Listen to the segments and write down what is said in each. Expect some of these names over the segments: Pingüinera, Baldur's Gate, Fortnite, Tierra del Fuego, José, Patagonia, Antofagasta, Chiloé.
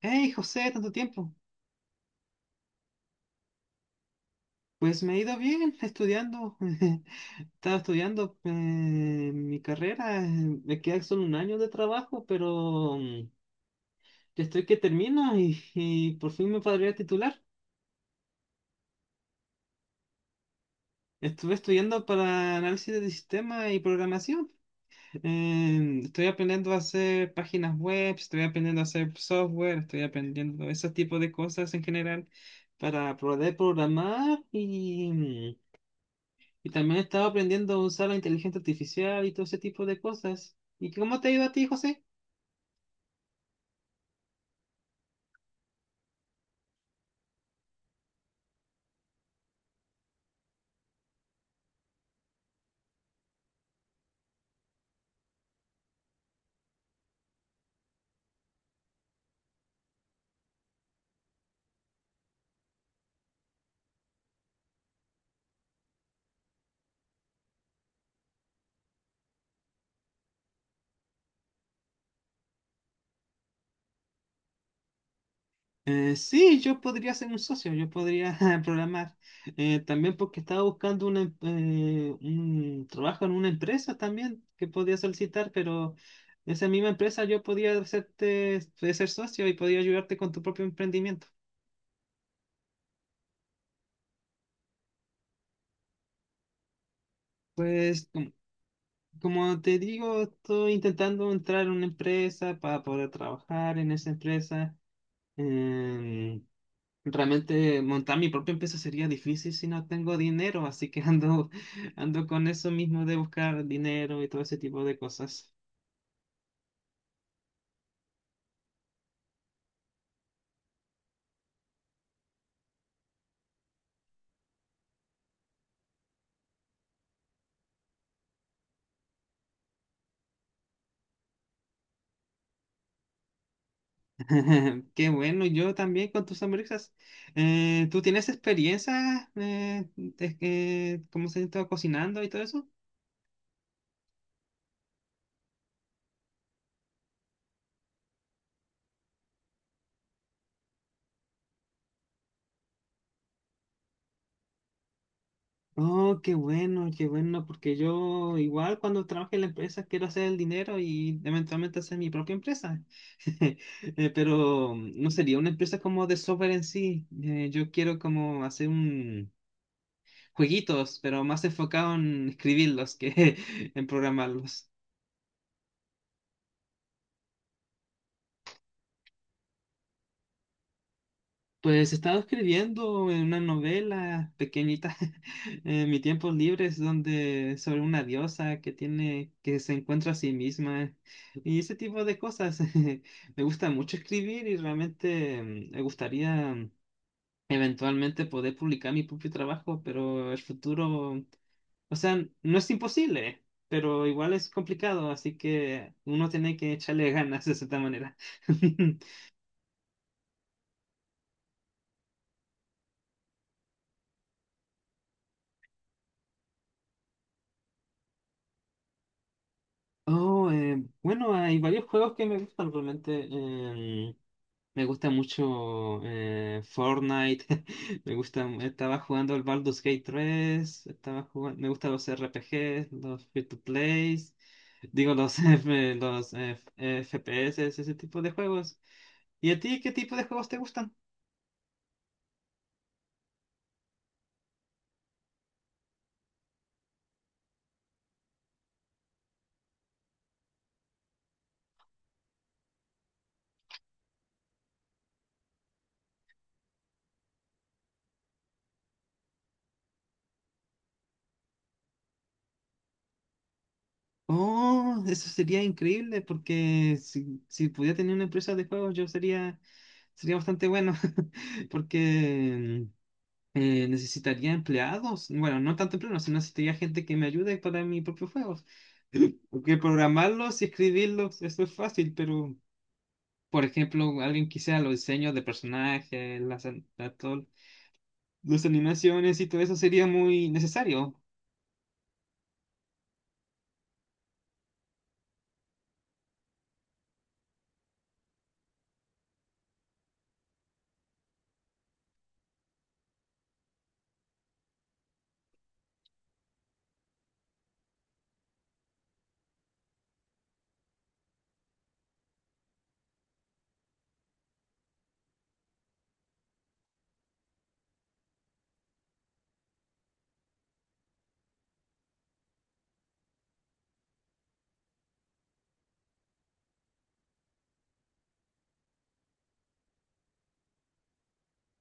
Hey, José, tanto tiempo. Pues me ha ido bien estudiando. Estaba estudiando mi carrera. Me queda solo un año de trabajo, pero ya estoy que termino y por fin me podría titular. Estuve estudiando para análisis de sistemas y programación. Estoy aprendiendo a hacer páginas web, estoy aprendiendo a hacer software, estoy aprendiendo ese tipo de cosas en general para poder programar. Y también estaba aprendiendo a usar la inteligencia artificial y todo ese tipo de cosas. ¿Y cómo te ha ido a ti, José? Sí, yo podría ser un socio, yo podría programar. También porque estaba buscando un trabajo en una empresa también que podía solicitar, pero esa misma empresa yo podía hacerte ser socio y podía ayudarte con tu propio emprendimiento. Pues com- Como te digo, estoy intentando entrar en una empresa para poder trabajar en esa empresa. Em, Realmente montar mi propia empresa sería difícil si no tengo dinero, así que ando con eso mismo de buscar dinero y todo ese tipo de cosas. Qué bueno, yo también con tus hamburguesas. ¿Tú tienes experiencia, cómo se está cocinando y todo eso? Oh, qué bueno, porque yo igual cuando trabaje en la empresa quiero hacer el dinero y eventualmente hacer mi propia empresa. Pero no sería una empresa como de software en sí. Yo quiero como hacer un jueguitos, pero más enfocado en escribirlos que en programarlos. Pues he estado escribiendo en una novela pequeñita en mi tiempo libre, es donde sobre una diosa que se encuentra a sí misma y ese tipo de cosas. Me gusta mucho escribir y realmente me gustaría eventualmente poder publicar mi propio trabajo, pero el futuro, o sea, no es imposible, pero igual es complicado, así que uno tiene que echarle ganas de cierta manera. Oh, bueno, hay varios juegos que me gustan realmente. Me gusta mucho Fortnite. Me gusta. Estaba jugando el Baldur's Gate tres. Estaba jugando. Me gustan los RPGs, los free to plays. Digo, FPS, ese tipo de juegos. ¿Y a ti qué tipo de juegos te gustan? Oh, eso sería increíble porque si pudiera tener una empresa de juegos yo sería bastante bueno porque necesitaría empleados. Bueno, no tanto empleados, sino necesitaría gente que me ayude para mis propios juegos. Porque programarlos y escribirlos, eso es fácil, pero, por ejemplo, alguien que sea los diseños de personajes, las animaciones y todo eso sería muy necesario.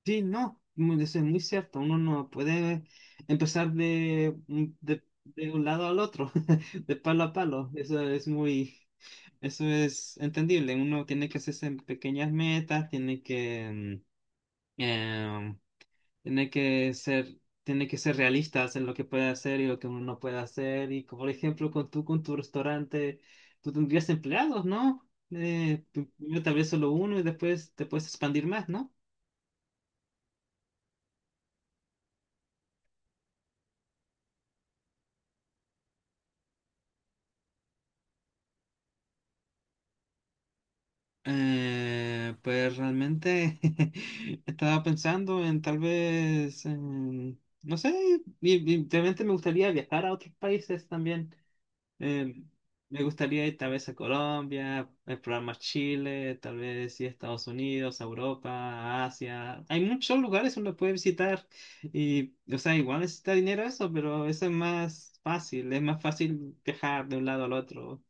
Sí, no, eso es muy cierto. Uno no puede empezar de un lado al otro, de palo a palo. Eso es entendible. Uno tiene que hacerse pequeñas metas, tiene que, mm, em, tiene que ser, tiene que ser realistas en lo que puede hacer y lo que uno no puede hacer. Y como, por ejemplo, con tu restaurante, tú tendrías empleados, ¿no? Primero tal vez solo uno y después te puedes expandir más, ¿no? Pues realmente estaba pensando en tal vez, no sé, y realmente me gustaría viajar a otros países también. Eh, Me gustaría ir tal vez a Colombia, explorar más Chile, tal vez ir a Estados Unidos, a Europa, a Asia. Hay muchos lugares uno puede visitar y, o sea, igual necesita dinero eso, pero eso es más fácil. Es más fácil viajar de un lado al otro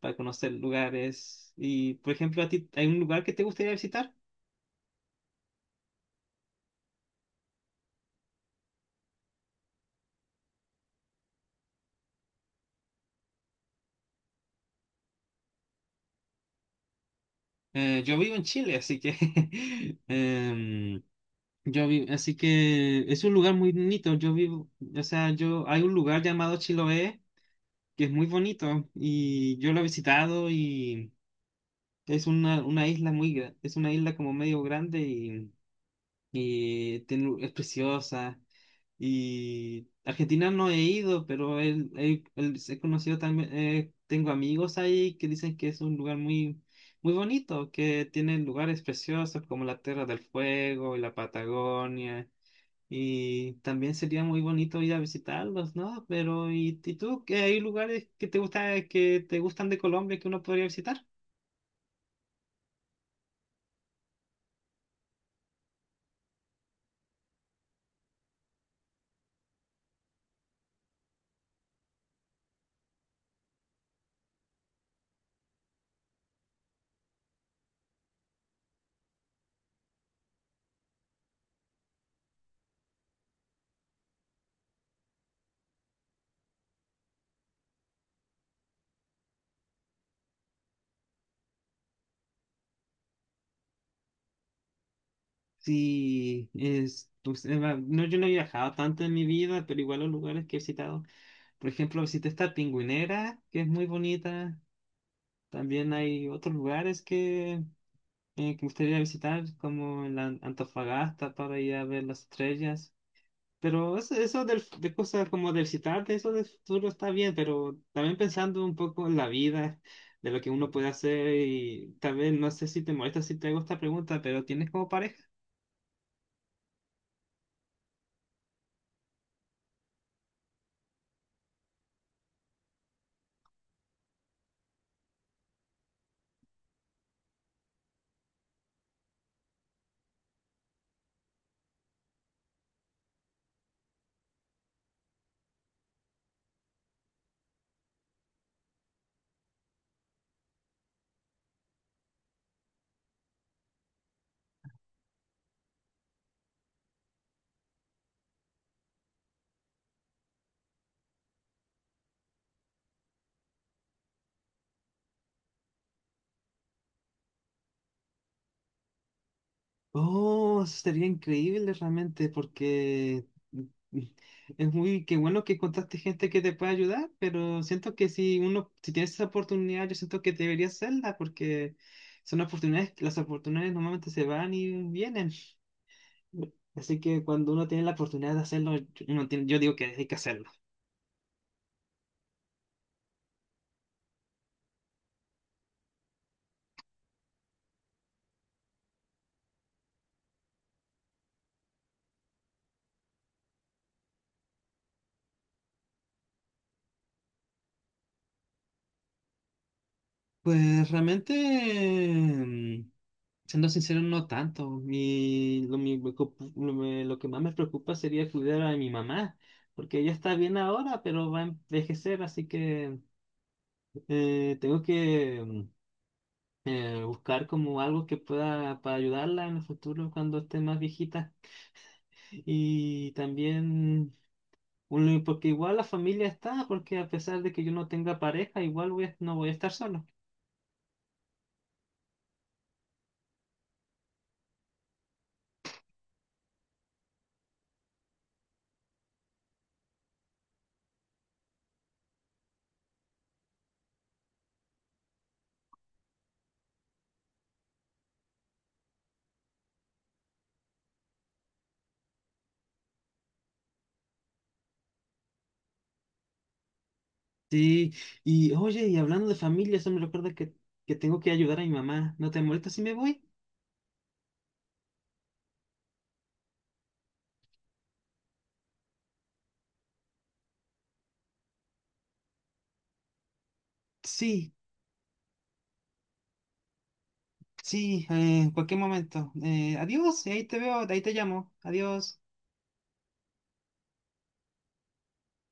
para conocer lugares. Y, por ejemplo, ¿a ti hay un lugar que te gustaría visitar? Yo vivo en Chile, así que em, así que es un lugar muy bonito. Yo vivo, o sea, yo hay un lugar llamado Chiloé que es muy bonito y yo lo he visitado y es una isla es una isla como medio grande es preciosa. Y Argentina no he ido, pero he conocido también, tengo amigos ahí que dicen que es un lugar muy bonito, que tiene lugares preciosos como la Tierra del Fuego y la Patagonia. Y también sería muy bonito ir a visitarlos, ¿no? Pero, ¿y tú? ¿Qué hay lugares que te gustan de Colombia que uno podría visitar? Sí, es, pues, no, yo no he viajado tanto en mi vida, pero igual los lugares que he visitado. Por ejemplo, visité esta Pingüinera, que es muy bonita. También hay otros lugares que me gustaría visitar, como en la Antofagasta, para ir a ver las estrellas. Pero eso de cosas como del citarte, eso del futuro está bien, pero también pensando un poco en la vida, de lo que uno puede hacer y tal vez, no sé si te molesta si te hago esta pregunta, pero ¿tienes como pareja? Oh, eso sería increíble realmente porque es muy, qué bueno que encontraste gente que te pueda ayudar, pero siento que si tienes esa oportunidad, yo siento que deberías hacerla porque son oportunidades, las oportunidades normalmente se van y vienen. Así que cuando uno tiene la oportunidad de hacerlo, yo digo que hay que hacerlo. Pues realmente, mm, siendo sincero, no tanto. Mi, lo, mi- me ocup- lo me- Lo que más me preocupa sería cuidar a mi mamá, porque ella está bien ahora, pero va a envejecer, así que eh, tengo que mm, buscar como algo que pueda para ayudarla en el futuro cuando esté más viejita. Y también... un Porque igual la familia está, porque a pesar de que yo no tenga pareja, igual no voy a estar solo. Sí, y oye, y hablando de familia, eso me recuerda que tengo que ayudar a mi mamá. ¿No te molesta si me voy? Sí, sí, en cualquier momento. Adiós, ahí te veo, ahí te llamo. Adiós.